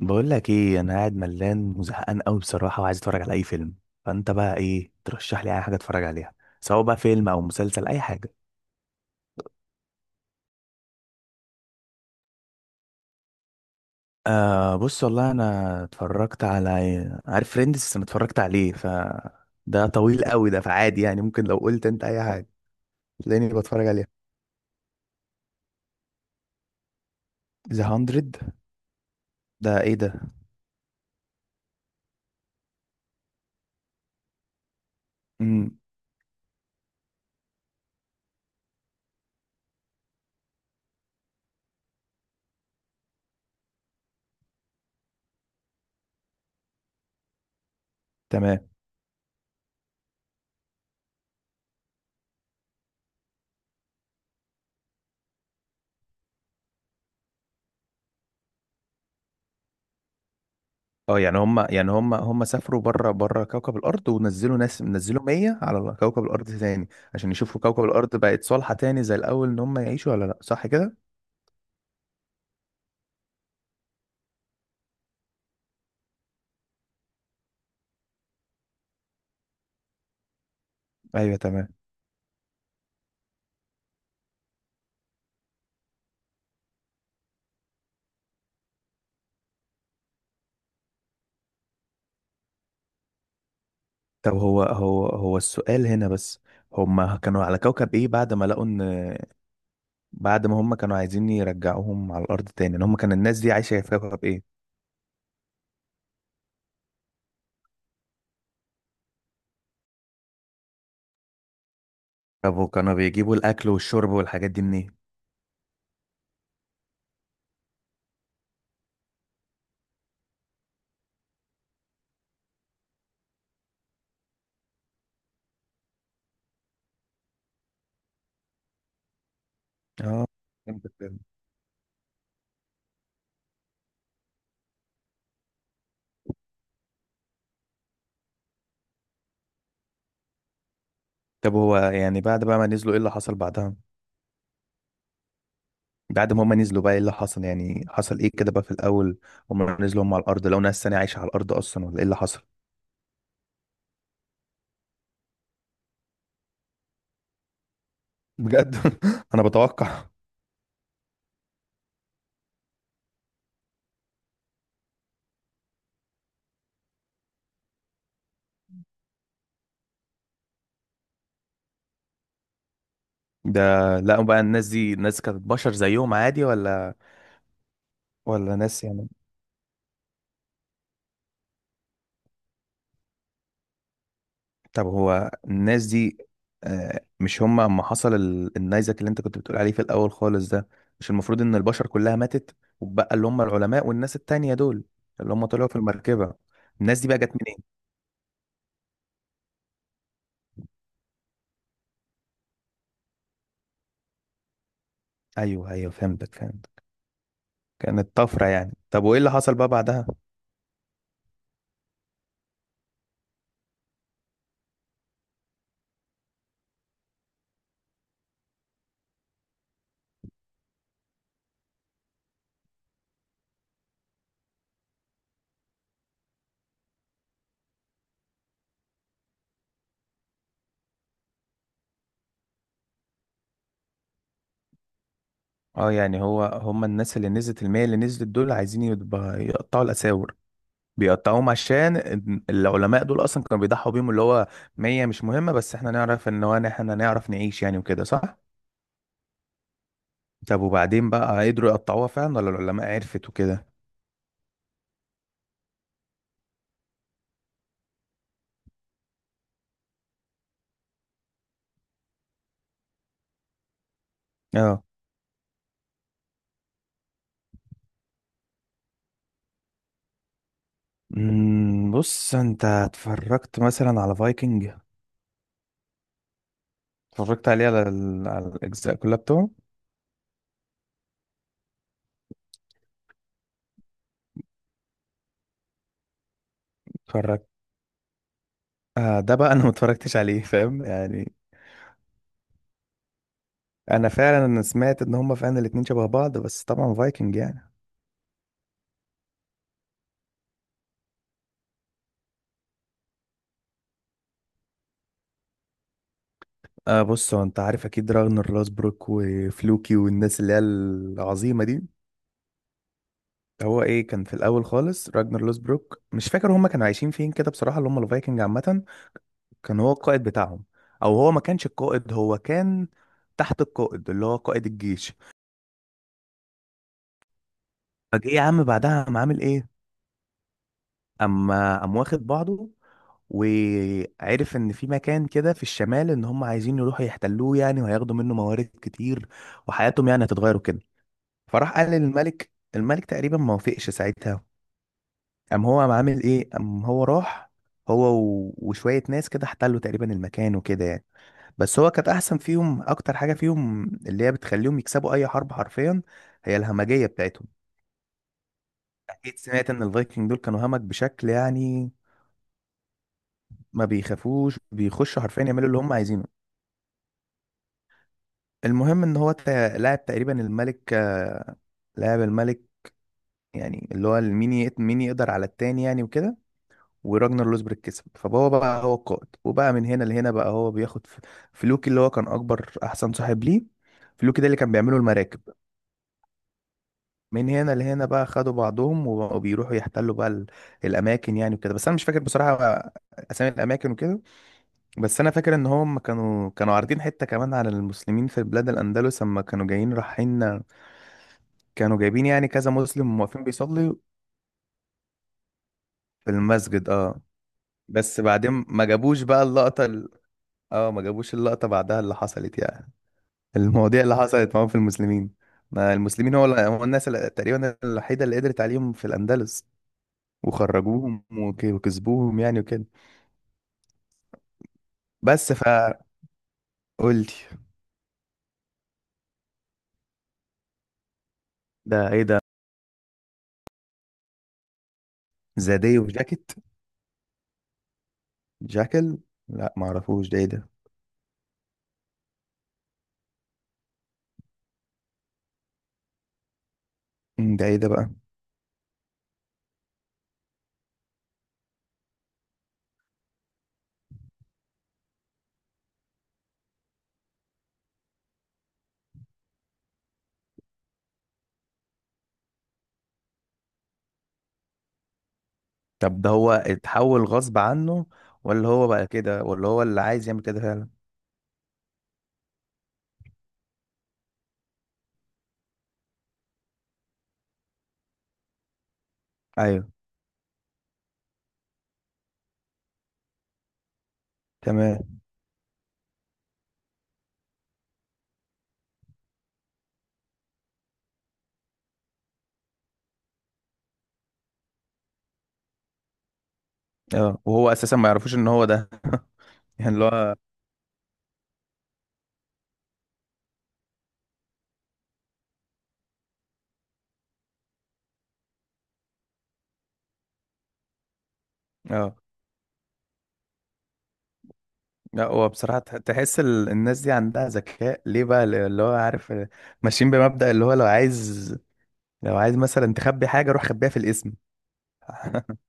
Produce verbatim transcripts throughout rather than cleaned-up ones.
بقول لك ايه؟ انا قاعد ملان وزهقان قوي بصراحه، وعايز اتفرج على اي فيلم. فانت بقى ايه ترشح لي؟ اي حاجه اتفرج عليها، سواء بقى فيلم او مسلسل، اي حاجه. آه، بص والله انا اتفرجت على، عارف فريندز؟ انا اتفرجت عليه. ف ده طويل قوي ده، فعادي يعني، ممكن لو قلت انت اي حاجه تلاقيني بتفرج عليها. ذا مية؟ ده ايه ده؟ امم. تمام. اه، يعني هم يعني هم هم سافروا بره بره كوكب الارض، ونزلوا ناس، نزلوا مية على كوكب الارض تاني، عشان يشوفوا كوكب الارض بقت صالحة تاني زي الاول، ان هم يعيشوا ولا لا، صح كده؟ ايوه، تمام. طب هو هو هو السؤال هنا بس، هم كانوا على كوكب ايه بعد ما لقوا ان، بعد ما هم كانوا عايزين يرجعوهم على الارض تاني، ان هم كان الناس دي عايشة في كوكب ايه؟ طب وكانوا بيجيبوا الاكل والشرب والحاجات دي منين؟ اه، فهمت فهمت. طب هو يعني بعد بقى ما نزلوا، ايه اللي حصل بعدها؟ بعد ما هما نزلوا بقى، ايه اللي حصل؟ يعني حصل ايه كده بقى في الاول؟ هما نزلوا هما على الارض لو ناس تانية عايشة على الارض اصلا، ولا ايه اللي حصل؟ بجد؟ انا بتوقع ده. لا بقى، الناس دي ناس كانت بشر زيهم عادي ولا ولا ناس يعني؟ طب هو الناس دي، آه، مش هما اما حصل ال- النيزك اللي انت كنت بتقول عليه في الاول خالص ده، مش المفروض ان البشر كلها ماتت؟ وبقى اللي هما العلماء والناس التانية دول، اللي هما طلعوا في المركبة، الناس دي بقى جت منين؟ ايوه ايوه، فهمتك، فهمت. كانت طفرة يعني؟ طب وايه اللي حصل بقى بعدها؟ اه، يعني هو هم الناس اللي نزلت المية اللي نزلت دول، عايزين يبقى- يقطعوا الأساور. بيقطعوهم عشان العلماء دول اصلا كانوا بيضحوا بيهم، اللي هو مية مش مهمة، بس احنا نعرف ان هو، احنا نعرف نعيش يعني وكده، صح؟ طب وبعدين بقى، قدروا يقطعوها فعلا ولا العلماء عرفت وكده؟ اه. أمم، بص انت اتفرجت مثلا على فايكنج؟ اتفرجت عليه على, ال- على الاجزاء كلها بتوعه؟ اتفرجت. آه ده بقى انا ما اتفرجتش عليه، فاهم يعني. انا فعلا انا سمعت ان هما فعلا الاتنين شبه بعض، بس طبعا فايكنج يعني. آه بص، هو انت عارف اكيد راجنر لوسبروك وفلوكي والناس اللي هي العظيمه دي. هو ايه كان في الاول خالص؟ راجنر لوسبروك مش فاكر هما كانوا عايشين فين كده بصراحه، اللي هما الفايكنج عامه. كان هو القائد بتاعهم، او هو ما كانش القائد، هو كان تحت القائد اللي هو قائد الجيش. فجه يا عم، بعدها قام عامل ايه؟ اما قام واخد بعضه، وعرف ان في مكان كده في الشمال ان هم عايزين يروحوا يحتلوه يعني، وهياخدوا منه موارد كتير، وحياتهم يعني هتتغير وكده. فراح قال للملك، الملك تقريبا ما وافقش ساعتها. قام هو قام عامل ايه قام هو راح، هو و- وشوية ناس كده، احتلوا تقريبا المكان وكده يعني. بس هو كانت احسن فيهم، اكتر حاجة فيهم اللي هي بتخليهم يكسبوا اي حرب حرفيا، هي الهمجية بتاعتهم. اكيد سمعت ان الفايكنج دول كانوا همج بشكل يعني. ما بيخافوش، بيخشوا حرفيا يعملوا اللي هم عايزينه. المهم، ان هو تا- لاعب تقريبا الملك، آه، لاعب الملك يعني اللي هو مين يق- مين يقدر على التاني يعني وكده. وراجنر لوسبرج كسب، فهو بقى هو القائد، وبقى من هنا لهنا بقى هو بياخد ف- فلوكي اللي هو كان اكبر احسن صاحب ليه. فلوكي ده اللي كان بيعمله المراكب. من هنا لهنا بقى خدوا بعضهم، وبقوا بيروحوا يحتلوا بقى ال- الاماكن يعني وكده. بس انا مش فاكر بصراحة اسامي الاماكن وكده. بس انا فاكر ان هم كانوا كانوا عارضين حته كمان على المسلمين في بلاد الاندلس اما كانوا جايين رايحين، كانوا جايبين يعني كذا مسلم واقفين بيصلي في المسجد. اه بس بعدين ما جابوش بقى اللقطه ال... اه، ما جابوش اللقطه بعدها اللي حصلت يعني، المواضيع اللي حصلت معاهم في المسلمين. ما المسلمين هو, اللي- هو الناس اللي تقريبا الوحيده اللي قدرت عليهم في الاندلس، وخرجوهم وك- وكسبوهم يعني وكده. بس فقلت. ده ايه ده؟ زاديه وجاكيت؟ جاكل. لا معرفوش، ده ايه ده؟ مم، ده ايه ده بقى؟ طب ده هو اتحول غصب عنه، ولا هو بقى كده، ولا هو اللي عايز يعمل كده فعلا؟ ايوه، تمام. اه وهو اساسا ما يعرفوش ان هو ده؟ يعني اللي هو. اه لا، هو بصراحة تح- تحس ال- الناس دي عندها ذكاء ليه بقى، اللي هو عارف، آه، ماشيين بمبدأ اللي هو لو عايز لو عايز مثلا تخبي حاجة، روح خبيها في الاسم.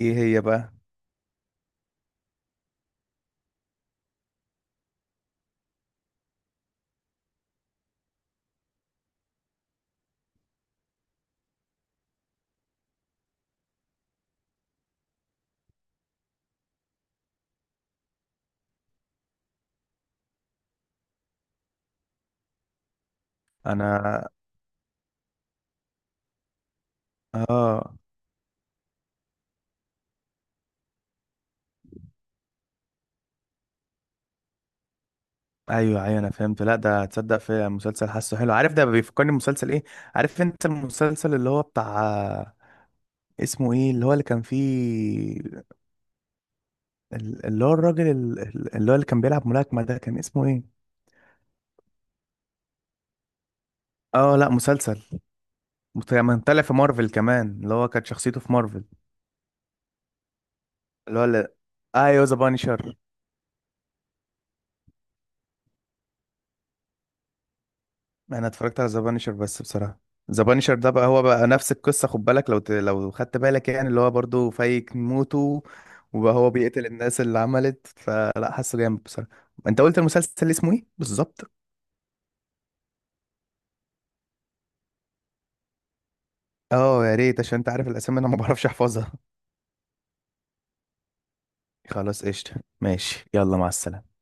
ايه هي بقى؟ انا اه ايوه ايوه، انا فهمت. لا ده هتصدق في مسلسل حاسه حلو، عارف ده بيفكرني بمسلسل ايه؟ عارف انت المسلسل اللي هو بتاع، اسمه ايه اللي هو اللي كان فيه ال- اللي هو الراجل ال- اللي هو اللي كان بيلعب ملاكمة، ده كان اسمه ايه؟ اه لا، مسلسل. كان طالع في مارفل كمان، اللي هو كانت شخصيته في مارفل. اللي هو اللي... ايوه، ذا بانشر. انا اتفرجت على ذا بانشر بس بصراحه. ذا بانشر ده بقى هو بقى نفس القصه، خد بالك لو ت... لو خدت بالك يعني، اللي هو برضو فايك موته، وبقى هو بيقتل الناس اللي عملت، فلا حاسه جامد بصراحه. انت قلت المسلسل اسمه ايه بالظبط؟ اه يا ريت، عشان انت عارف الاسامي، انا ما بعرفش احفظها. خلاص قشطه. ماشي، يلا، مع السلامه.